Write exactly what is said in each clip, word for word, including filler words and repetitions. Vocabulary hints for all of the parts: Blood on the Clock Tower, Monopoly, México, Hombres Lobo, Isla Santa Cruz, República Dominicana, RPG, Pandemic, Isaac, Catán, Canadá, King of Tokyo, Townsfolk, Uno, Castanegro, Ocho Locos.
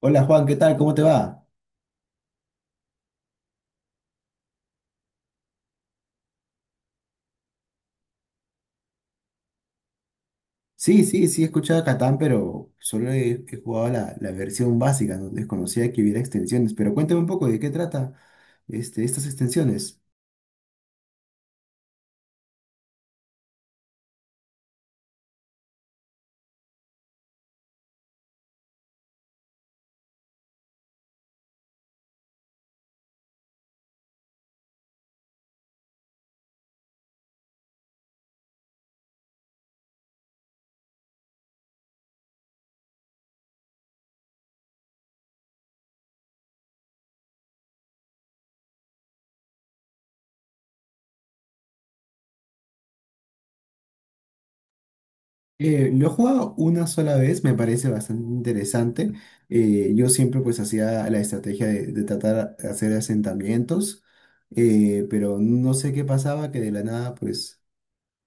Hola Juan, ¿qué tal? ¿Cómo te va? Sí, sí, sí he escuchado a Catán, pero solo he, he jugado la, la versión básica, no desconocía que hubiera extensiones. Pero cuéntame un poco de qué trata este, estas extensiones. Eh, lo he jugado una sola vez, me parece bastante interesante. Eh, yo siempre pues hacía la estrategia de, de tratar de hacer asentamientos, eh, pero no sé qué pasaba, que de la nada pues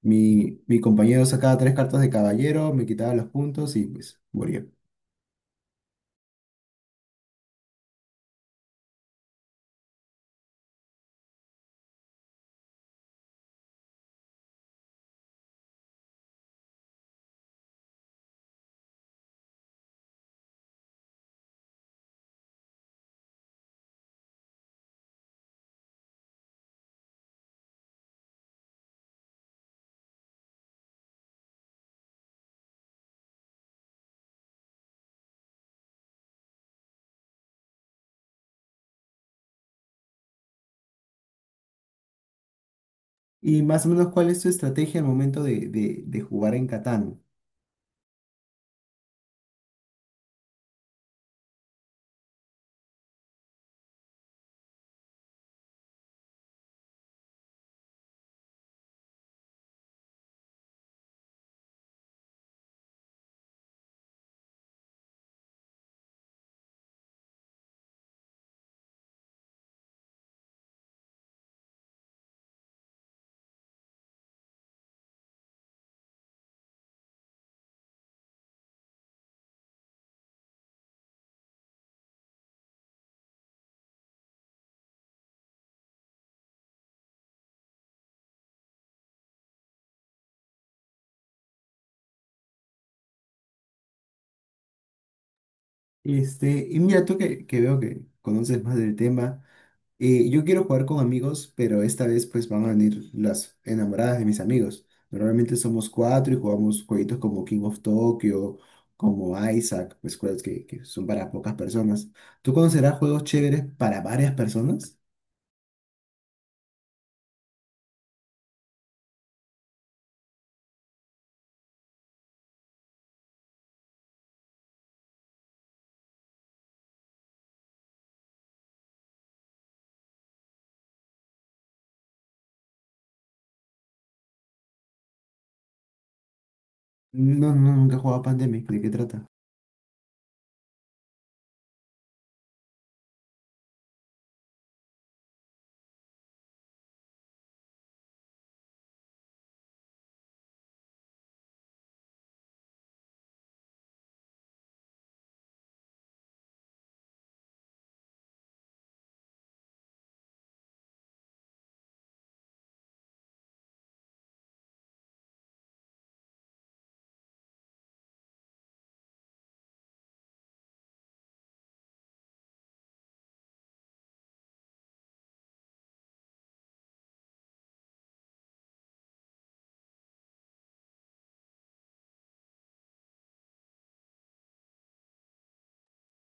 mi, mi compañero sacaba tres cartas de caballero, me quitaba los puntos y pues moría. Y más o menos, ¿cuál es tu estrategia al momento de, de- de jugar en Catán? Este, y mira, tú que, que veo que conoces más del tema, eh, yo quiero jugar con amigos, pero esta vez pues van a venir las enamoradas de mis amigos. Normalmente somos cuatro y jugamos jueguitos como King of Tokyo, como Isaac, pues juegos que, que son para pocas personas. ¿Tú conocerás juegos chéveres para varias personas? No, no, nunca he jugado Pandemic, ¿de qué trata?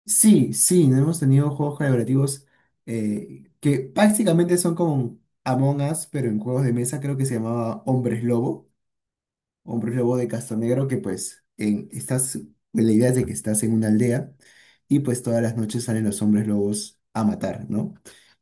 Sí, sí, no hemos tenido juegos colaborativos eh, que prácticamente son como Among Us, pero en juegos de mesa creo que se llamaba Hombres Lobo, un prólogo de Castanegro que pues en, estás, la idea es de que estás en una aldea y pues todas las noches salen los hombres lobos a matar, ¿no?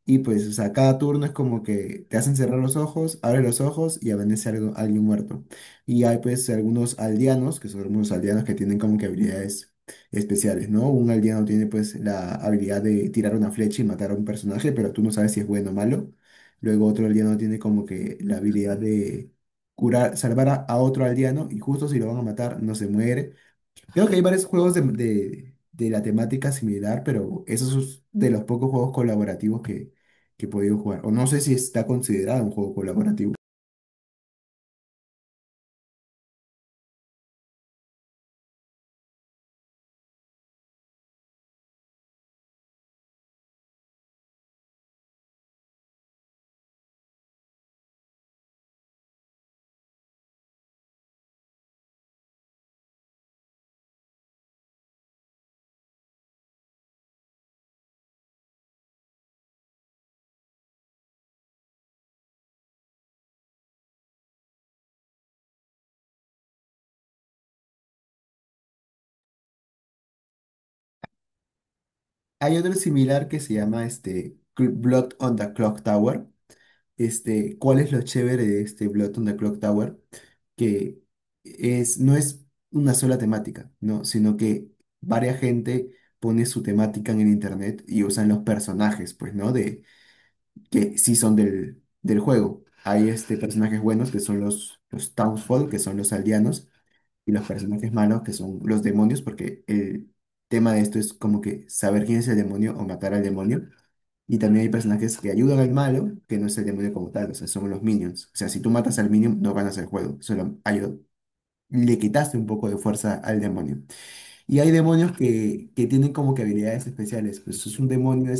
Y pues, o sea, cada turno es como que te hacen cerrar los ojos, abre los ojos y amanece algo, alguien muerto. Y hay pues algunos aldeanos, que son algunos aldeanos que tienen como que habilidades especiales, ¿no? Un aldeano tiene pues la habilidad de tirar una flecha y matar a un personaje, pero tú no sabes si es bueno o malo. Luego otro aldeano tiene como que la habilidad de curar, salvar a, a otro aldeano y justo si lo van a matar no se muere. Creo que hay varios juegos de, de- de la temática similar, pero esos es de los pocos juegos colaborativos que, que he podido jugar. O no sé si está considerado un juego colaborativo. Hay otro similar que se llama este, Cl- Blood on the Clock Tower, este, cuál es lo chévere de este Blood on the Clock Tower, que es, no es una sola temática, ¿no? Sino que varia gente pone su temática en el internet y usan los personajes, pues, ¿no? De, que sí son del, del juego. Hay este, personajes buenos que son los, los Townsfolk, que son los aldeanos, y los personajes malos que son los demonios, porque el tema de esto es como que saber quién es el demonio o matar al demonio. Y también hay personajes que ayudan al malo, que no es el demonio como tal, o sea, son los minions. O sea, si tú matas al minion, no ganas el juego, solo ayuda. Le quitaste un poco de fuerza al demonio. Y hay demonios que, que tienen como que habilidades especiales. Pues es un demonio,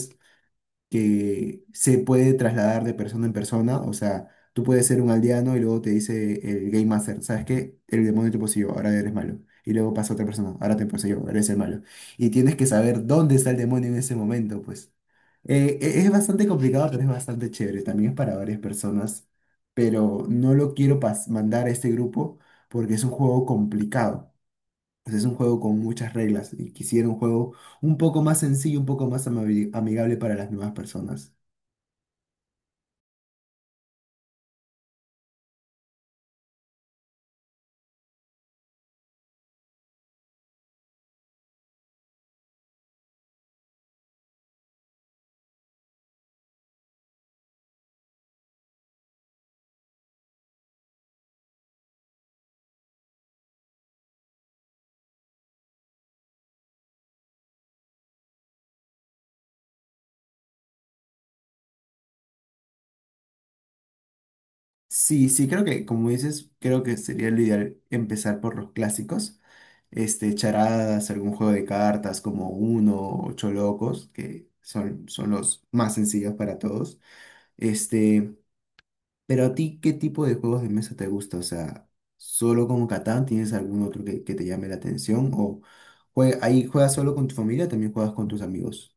que se puede trasladar de persona en persona. O sea, tú puedes ser un aldeano y luego te dice el Game Master, ¿sabes qué? El demonio te poseyó, ahora eres malo. Y luego pasa otra persona, ahora te poseyó, eres el malo. Y tienes que saber dónde está el demonio en ese momento, pues. Eh, e- es bastante complicado, pero es bastante chévere. También es para varias personas. Pero no lo quiero pas- mandar a este grupo porque es un juego complicado. Pues es un juego con muchas reglas y quisiera un juego un poco más sencillo, un poco más amabi- amigable para las nuevas personas. Sí, sí, creo que, como dices, creo que sería lo ideal empezar por los clásicos. Este, charadas, algún juego de cartas como Uno, o Ocho Locos, que son, son los más sencillos para todos. Este, pero a ti, ¿qué tipo de juegos de mesa te gusta? O sea, ¿solo como Catán tienes algún otro que, que te llame la atención? ¿O jue- ahí juegas solo con tu familia o también juegas con tus amigos?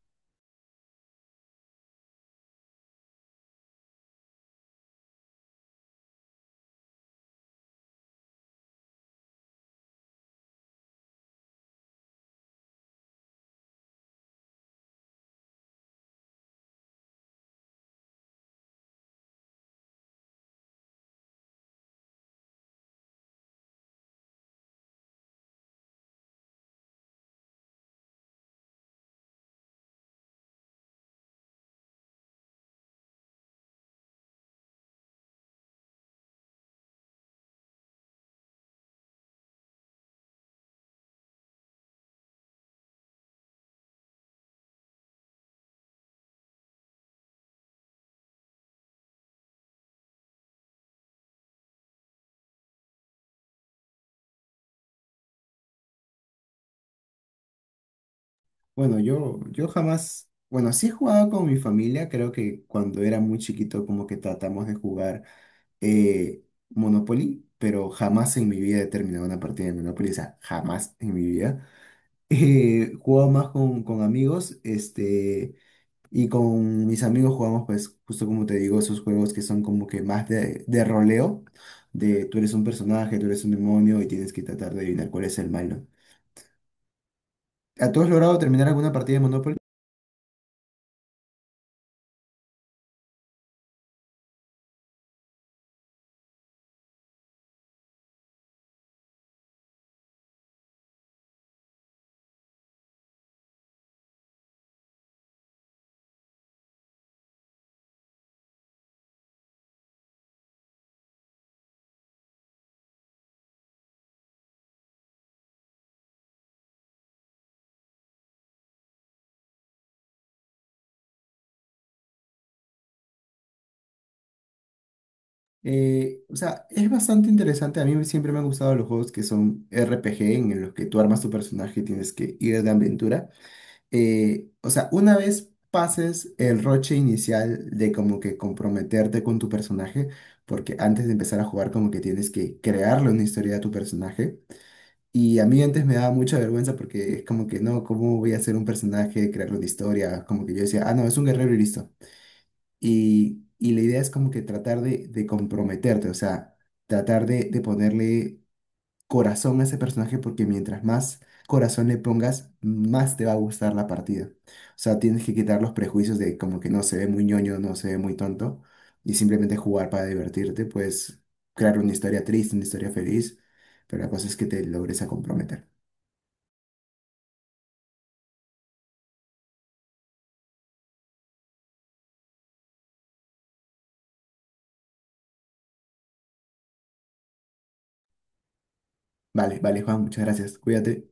Bueno, yo, yo jamás, bueno, sí he jugado con mi familia, creo que cuando era muy chiquito como que tratamos de jugar eh, Monopoly, pero jamás en mi vida he terminado una partida de Monopoly, o sea, jamás en mi vida. Eh, jugaba más con, con amigos, este, y con mis amigos jugamos pues justo como te digo, esos juegos que son como que más de, de roleo, de tú eres un personaje, tú eres un demonio y tienes que tratar de adivinar cuál es el malo. ¿A ¿Tú has logrado terminar alguna partida de Monopoly? Eh, o sea, es bastante interesante. A mí siempre me han gustado los juegos que son R P G, en los que tú armas tu personaje y tienes que ir de aventura. Eh, o sea, una vez pases el roche inicial de como que comprometerte con tu personaje, porque antes de empezar a jugar como que tienes que crearle una historia a tu personaje. Y a mí antes me daba mucha vergüenza porque es como que no, ¿cómo voy a hacer un personaje, crearle una historia? Como que yo decía, ah, no, es un guerrero y listo. Y, y la idea es como que tratar de, de comprometerte, o sea, tratar de, de ponerle corazón a ese personaje porque mientras más corazón le pongas, más te va a gustar la partida. O sea, tienes que quitar los prejuicios de como que no se ve muy ñoño, no se ve muy tonto y simplemente jugar para divertirte, pues crear una historia triste, una historia feliz, pero la cosa es que te logres a comprometer. Vale, vale, Juan, muchas gracias. Cuídate.